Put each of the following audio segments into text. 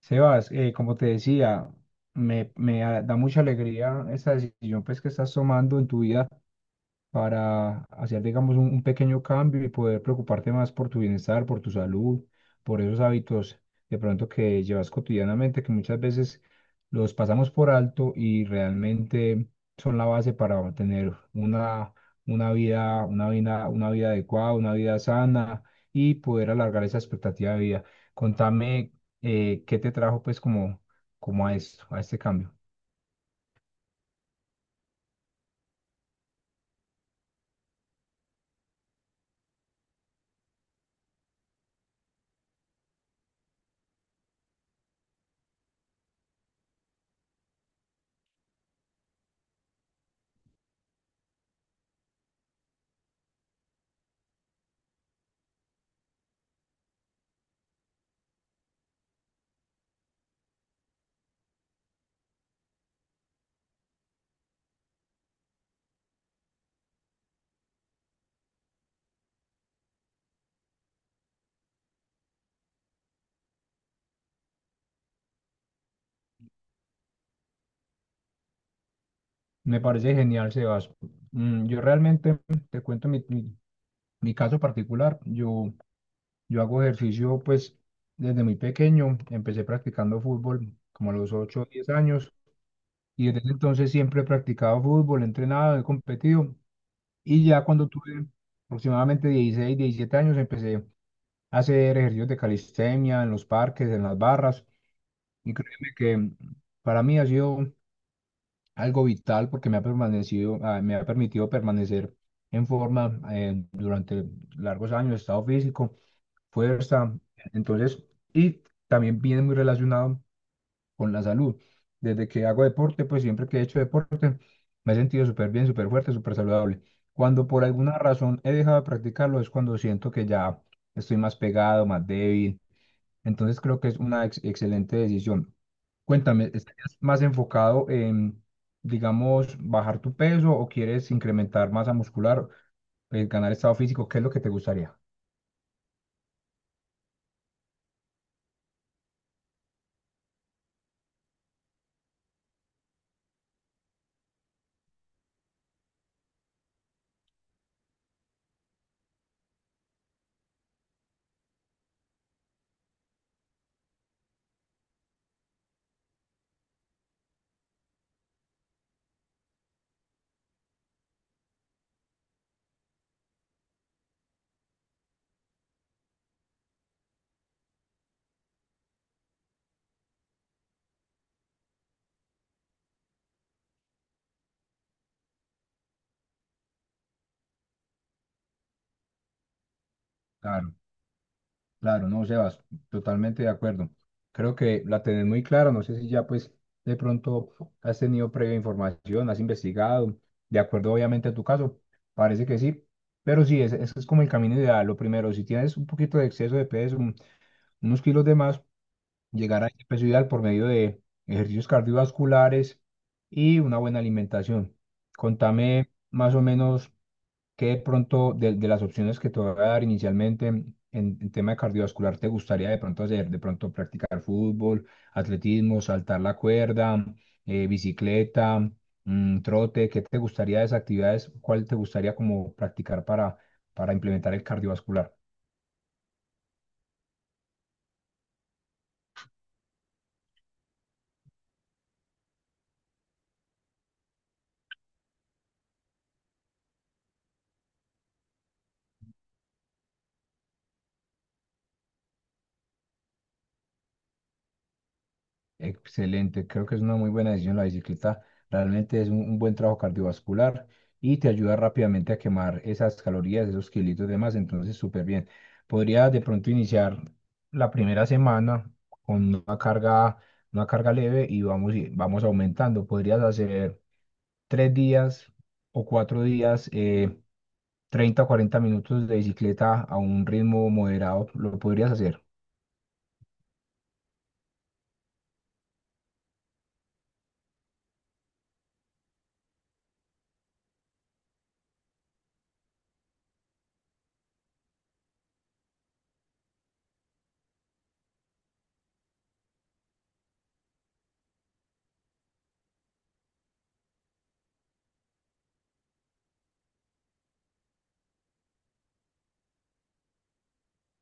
Sebas, como te decía, me da mucha alegría esta decisión pues, que estás tomando en tu vida para hacer, digamos, un pequeño cambio y poder preocuparte más por tu bienestar, por tu salud, por esos hábitos de pronto que llevas cotidianamente, que muchas veces los pasamos por alto y realmente son la base para tener una vida adecuada, una vida sana y poder alargar esa expectativa de vida. Contame, ¿qué te trajo pues como, a esto, a este cambio? Me parece genial, Sebas. Yo realmente te cuento mi caso particular, yo hago ejercicio pues desde muy pequeño, empecé practicando fútbol como a los 8 o 10 años y desde ese entonces siempre he practicado fútbol, he entrenado, he competido y ya cuando tuve aproximadamente 16 17 años empecé a hacer ejercicios de calistenia en los parques, en las barras y créeme que para mí ha sido algo vital porque me ha permitido permanecer en forma durante largos años de estado físico fuerza. Entonces, y también viene muy relacionado con la salud. Desde que hago deporte, pues siempre que he hecho deporte, me he sentido súper bien, súper fuerte, súper saludable. Cuando por alguna razón he dejado de practicarlo, es cuando siento que ya estoy más pegado, más débil. Entonces, creo que es una excelente decisión. Cuéntame, ¿estás más enfocado en, digamos, bajar tu peso o quieres incrementar masa muscular, ganar estado físico? ¿Qué es lo que te gustaría? Claro. Claro, no, Sebas, totalmente de acuerdo. Creo que la tenés muy clara, no sé si ya pues de pronto has tenido previa información, has investigado, de acuerdo obviamente a tu caso, parece que sí, pero sí, ese es como el camino ideal. Lo primero, si tienes un poquito de exceso de peso, unos kilos de más, llegar a ese peso ideal por medio de ejercicios cardiovasculares y una buena alimentación. Contame más o menos. ¿Qué de pronto de las opciones que te voy a dar inicialmente en tema de cardiovascular te gustaría de pronto hacer? De pronto practicar fútbol, atletismo, saltar la cuerda, bicicleta, trote. ¿Qué te gustaría de esas actividades? ¿Cuál te gustaría como practicar para implementar el cardiovascular? Excelente, creo que es una muy buena decisión la bicicleta. Realmente es un buen trabajo cardiovascular y te ayuda rápidamente a quemar esas calorías, esos kilitos y demás. Entonces, súper bien. Podría de pronto iniciar la primera semana con una carga leve y vamos aumentando. Podrías hacer 3 días o 4 días, 30 o 40 minutos de bicicleta a un ritmo moderado. Lo podrías hacer.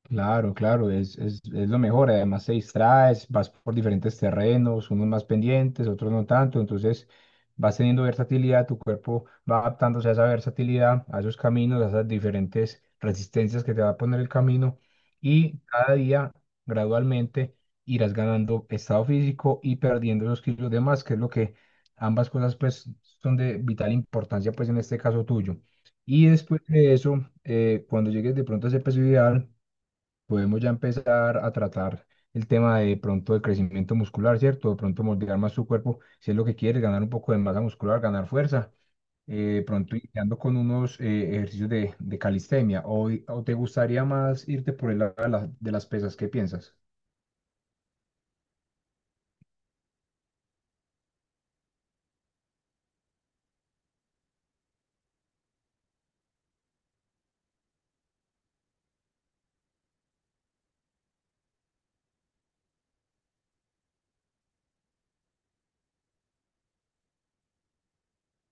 Claro, claro, es lo mejor. Además, te distraes, vas por diferentes terrenos, unos más pendientes, otros no tanto. Entonces, vas teniendo versatilidad, tu cuerpo va adaptándose a esa versatilidad, a esos caminos, a esas diferentes resistencias que te va a poner el camino. Y cada día, gradualmente, irás ganando estado físico y perdiendo los kilos de más, que es lo que ambas cosas, pues, son de vital importancia, pues, en este caso tuyo. Y después de eso, cuando llegues de pronto a ese peso ideal, podemos ya empezar a tratar el tema de pronto de crecimiento muscular, ¿cierto? De pronto moldear más su cuerpo, si es lo que quieres, ganar un poco de masa muscular, ganar fuerza. eh, de pronto iniciando con unos ejercicios de calistenia. O te gustaría más irte por el lado de las pesas? ¿Qué piensas?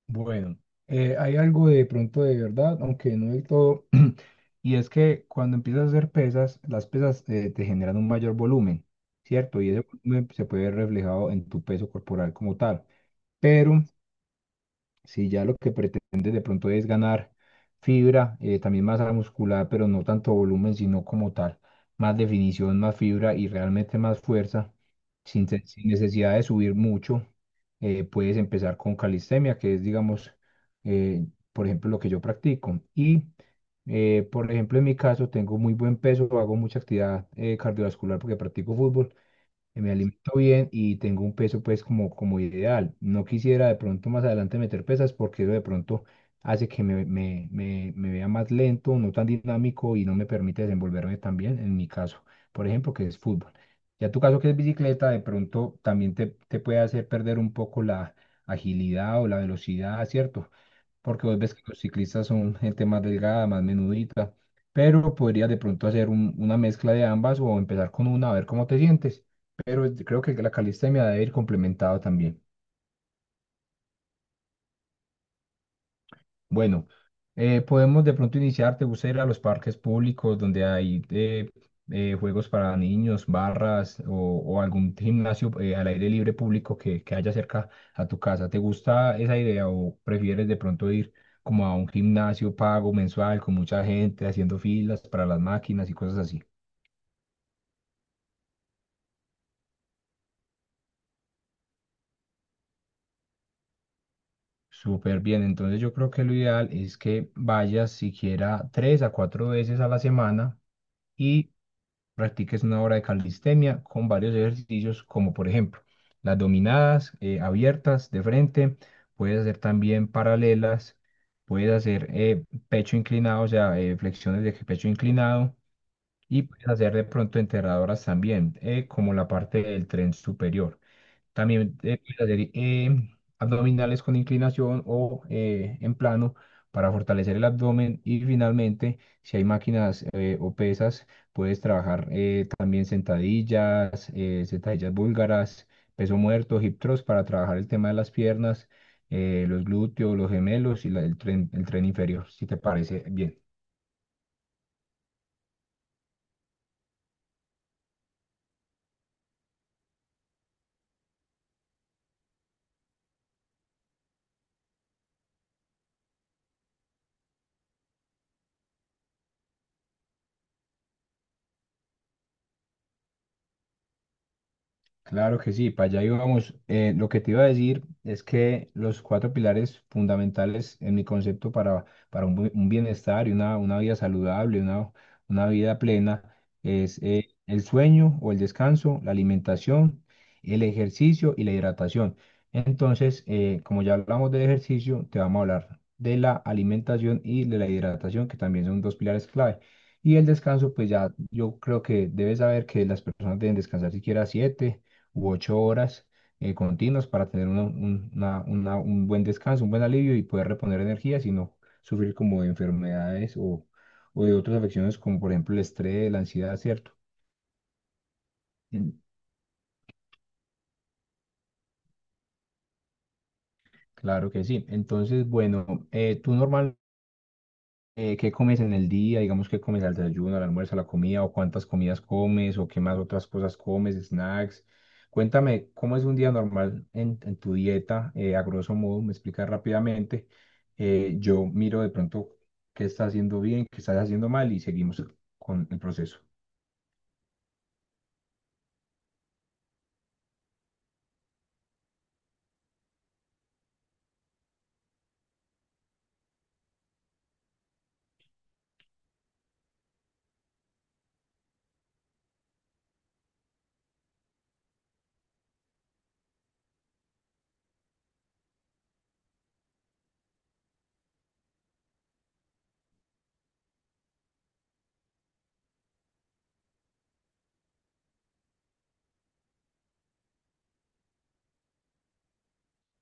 Bueno, hay algo de pronto de verdad, aunque no del todo, y es que cuando empiezas a hacer pesas, las pesas te generan un mayor volumen, ¿cierto? Y ese volumen se puede ver reflejado en tu peso corporal como tal. Pero si ya lo que pretendes de pronto es ganar fibra, también masa muscular, pero no tanto volumen, sino como tal, más definición, más fibra y realmente más fuerza, sin necesidad de subir mucho, puedes empezar con calistenia, que es, digamos, eh, por ejemplo, lo que yo practico. Y, por ejemplo, en mi caso, tengo muy buen peso, hago mucha actividad cardiovascular porque practico fútbol. Me alimento bien y tengo un peso pues como, ideal. No quisiera de pronto más adelante meter pesas porque eso de pronto hace que me vea más lento, no tan dinámico y no me permite desenvolverme tan bien en mi caso, por ejemplo, que es fútbol. Ya tu caso que es bicicleta, de pronto también te puede hacer perder un poco la agilidad o la velocidad, ¿cierto? Porque vos ves que los ciclistas son gente más delgada, más menudita, pero podrías de pronto hacer una mezcla de ambas o empezar con una a ver cómo te sientes, pero creo que la calistenia debe ir complementado también. Bueno, podemos de pronto iniciar, ¿te gusta ir a los parques públicos donde hay juegos para niños, barras o algún gimnasio al aire libre público que haya cerca a tu casa? ¿Te gusta esa idea o prefieres de pronto ir como a un gimnasio pago mensual con mucha gente haciendo filas para las máquinas y cosas así? Súper bien, entonces yo creo que lo ideal es que vayas siquiera 3 a 4 veces a la semana y practiques una hora de calistenia con varios ejercicios, como por ejemplo las dominadas abiertas de frente, puedes hacer también paralelas, puedes hacer pecho inclinado, o sea, flexiones de pecho inclinado, y puedes hacer de pronto enterradoras también, como la parte del tren superior. También puedes hacer abdominales con inclinación o en plano para fortalecer el abdomen. Y finalmente, si hay máquinas o pesas, puedes trabajar también sentadillas, sentadillas búlgaras, peso muerto, hip thrust para trabajar el tema de las piernas, los glúteos, los gemelos y el tren inferior, si te parece bien. Claro que sí, para allá íbamos. Lo que te iba a decir es que los cuatro pilares fundamentales en mi concepto para un bienestar y una vida saludable, una vida plena, es el sueño o el descanso, la alimentación, el ejercicio y la hidratación. Entonces, como ya hablamos del ejercicio, te vamos a hablar de la alimentación y de la hidratación, que también son dos pilares clave. Y el descanso, pues ya yo creo que debes saber que las personas deben descansar siquiera 7 u 8 horas continuas para tener un buen descanso, un buen alivio y poder reponer energías y no sufrir como de enfermedades o de otras afecciones como por ejemplo el estrés, la ansiedad, ¿cierto? Mm, claro que sí. Entonces, bueno, tú normalmente, ¿qué comes en el día? Digamos, ¿qué comes al desayuno, al almuerzo, a la comida? ¿O cuántas comidas comes? ¿O qué más otras cosas comes? ¿Snacks? Cuéntame, ¿cómo es un día normal en, tu dieta? A grosso modo, me explicas rápidamente. Yo miro de pronto qué estás haciendo bien, qué estás haciendo mal y seguimos con el proceso.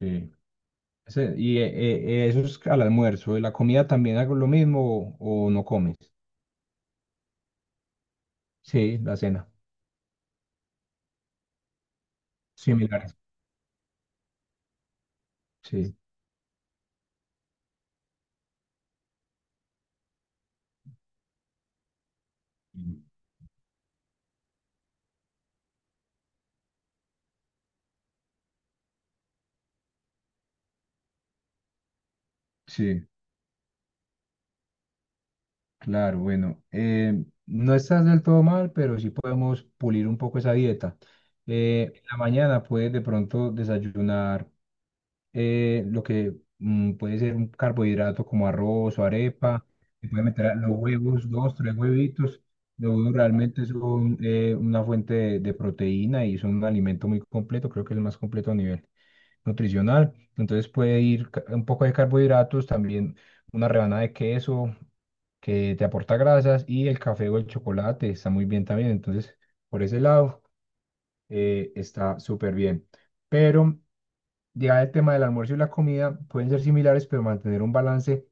Eh, eso es al almuerzo. ¿Y la comida también hago lo mismo o no comes? Sí, la cena. Similares. Sí, sí. Claro, bueno, no estás del todo mal, pero sí podemos pulir un poco esa dieta. En la mañana puedes de pronto desayunar lo que puede ser un carbohidrato como arroz o arepa. Se puede meter a los huevos, dos, tres huevitos. Los huevos realmente son una fuente de proteína y son un alimento muy completo, creo que es el más completo a nivel nutricional. Entonces puede ir un poco de carbohidratos, también una rebanada de queso que te aporta grasas y el café o el chocolate está muy bien también. Entonces, por ese lado, está súper bien. Pero ya el tema del almuerzo y la comida pueden ser similares, pero mantener un balance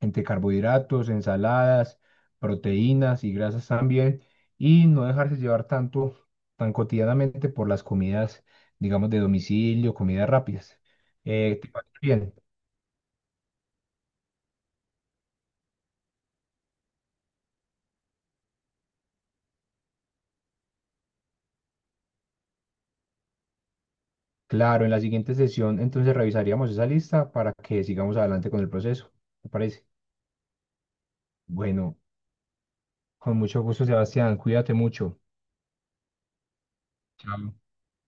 entre carbohidratos, ensaladas, proteínas y grasas también, y no dejarse llevar tanto, tan cotidianamente por las comidas, digamos, de domicilio, comidas rápidas. ¿Te parece bien? Claro, en la siguiente sesión entonces revisaríamos esa lista para que sigamos adelante con el proceso. ¿Te parece? Bueno, con mucho gusto, Sebastián. Cuídate mucho. Chao.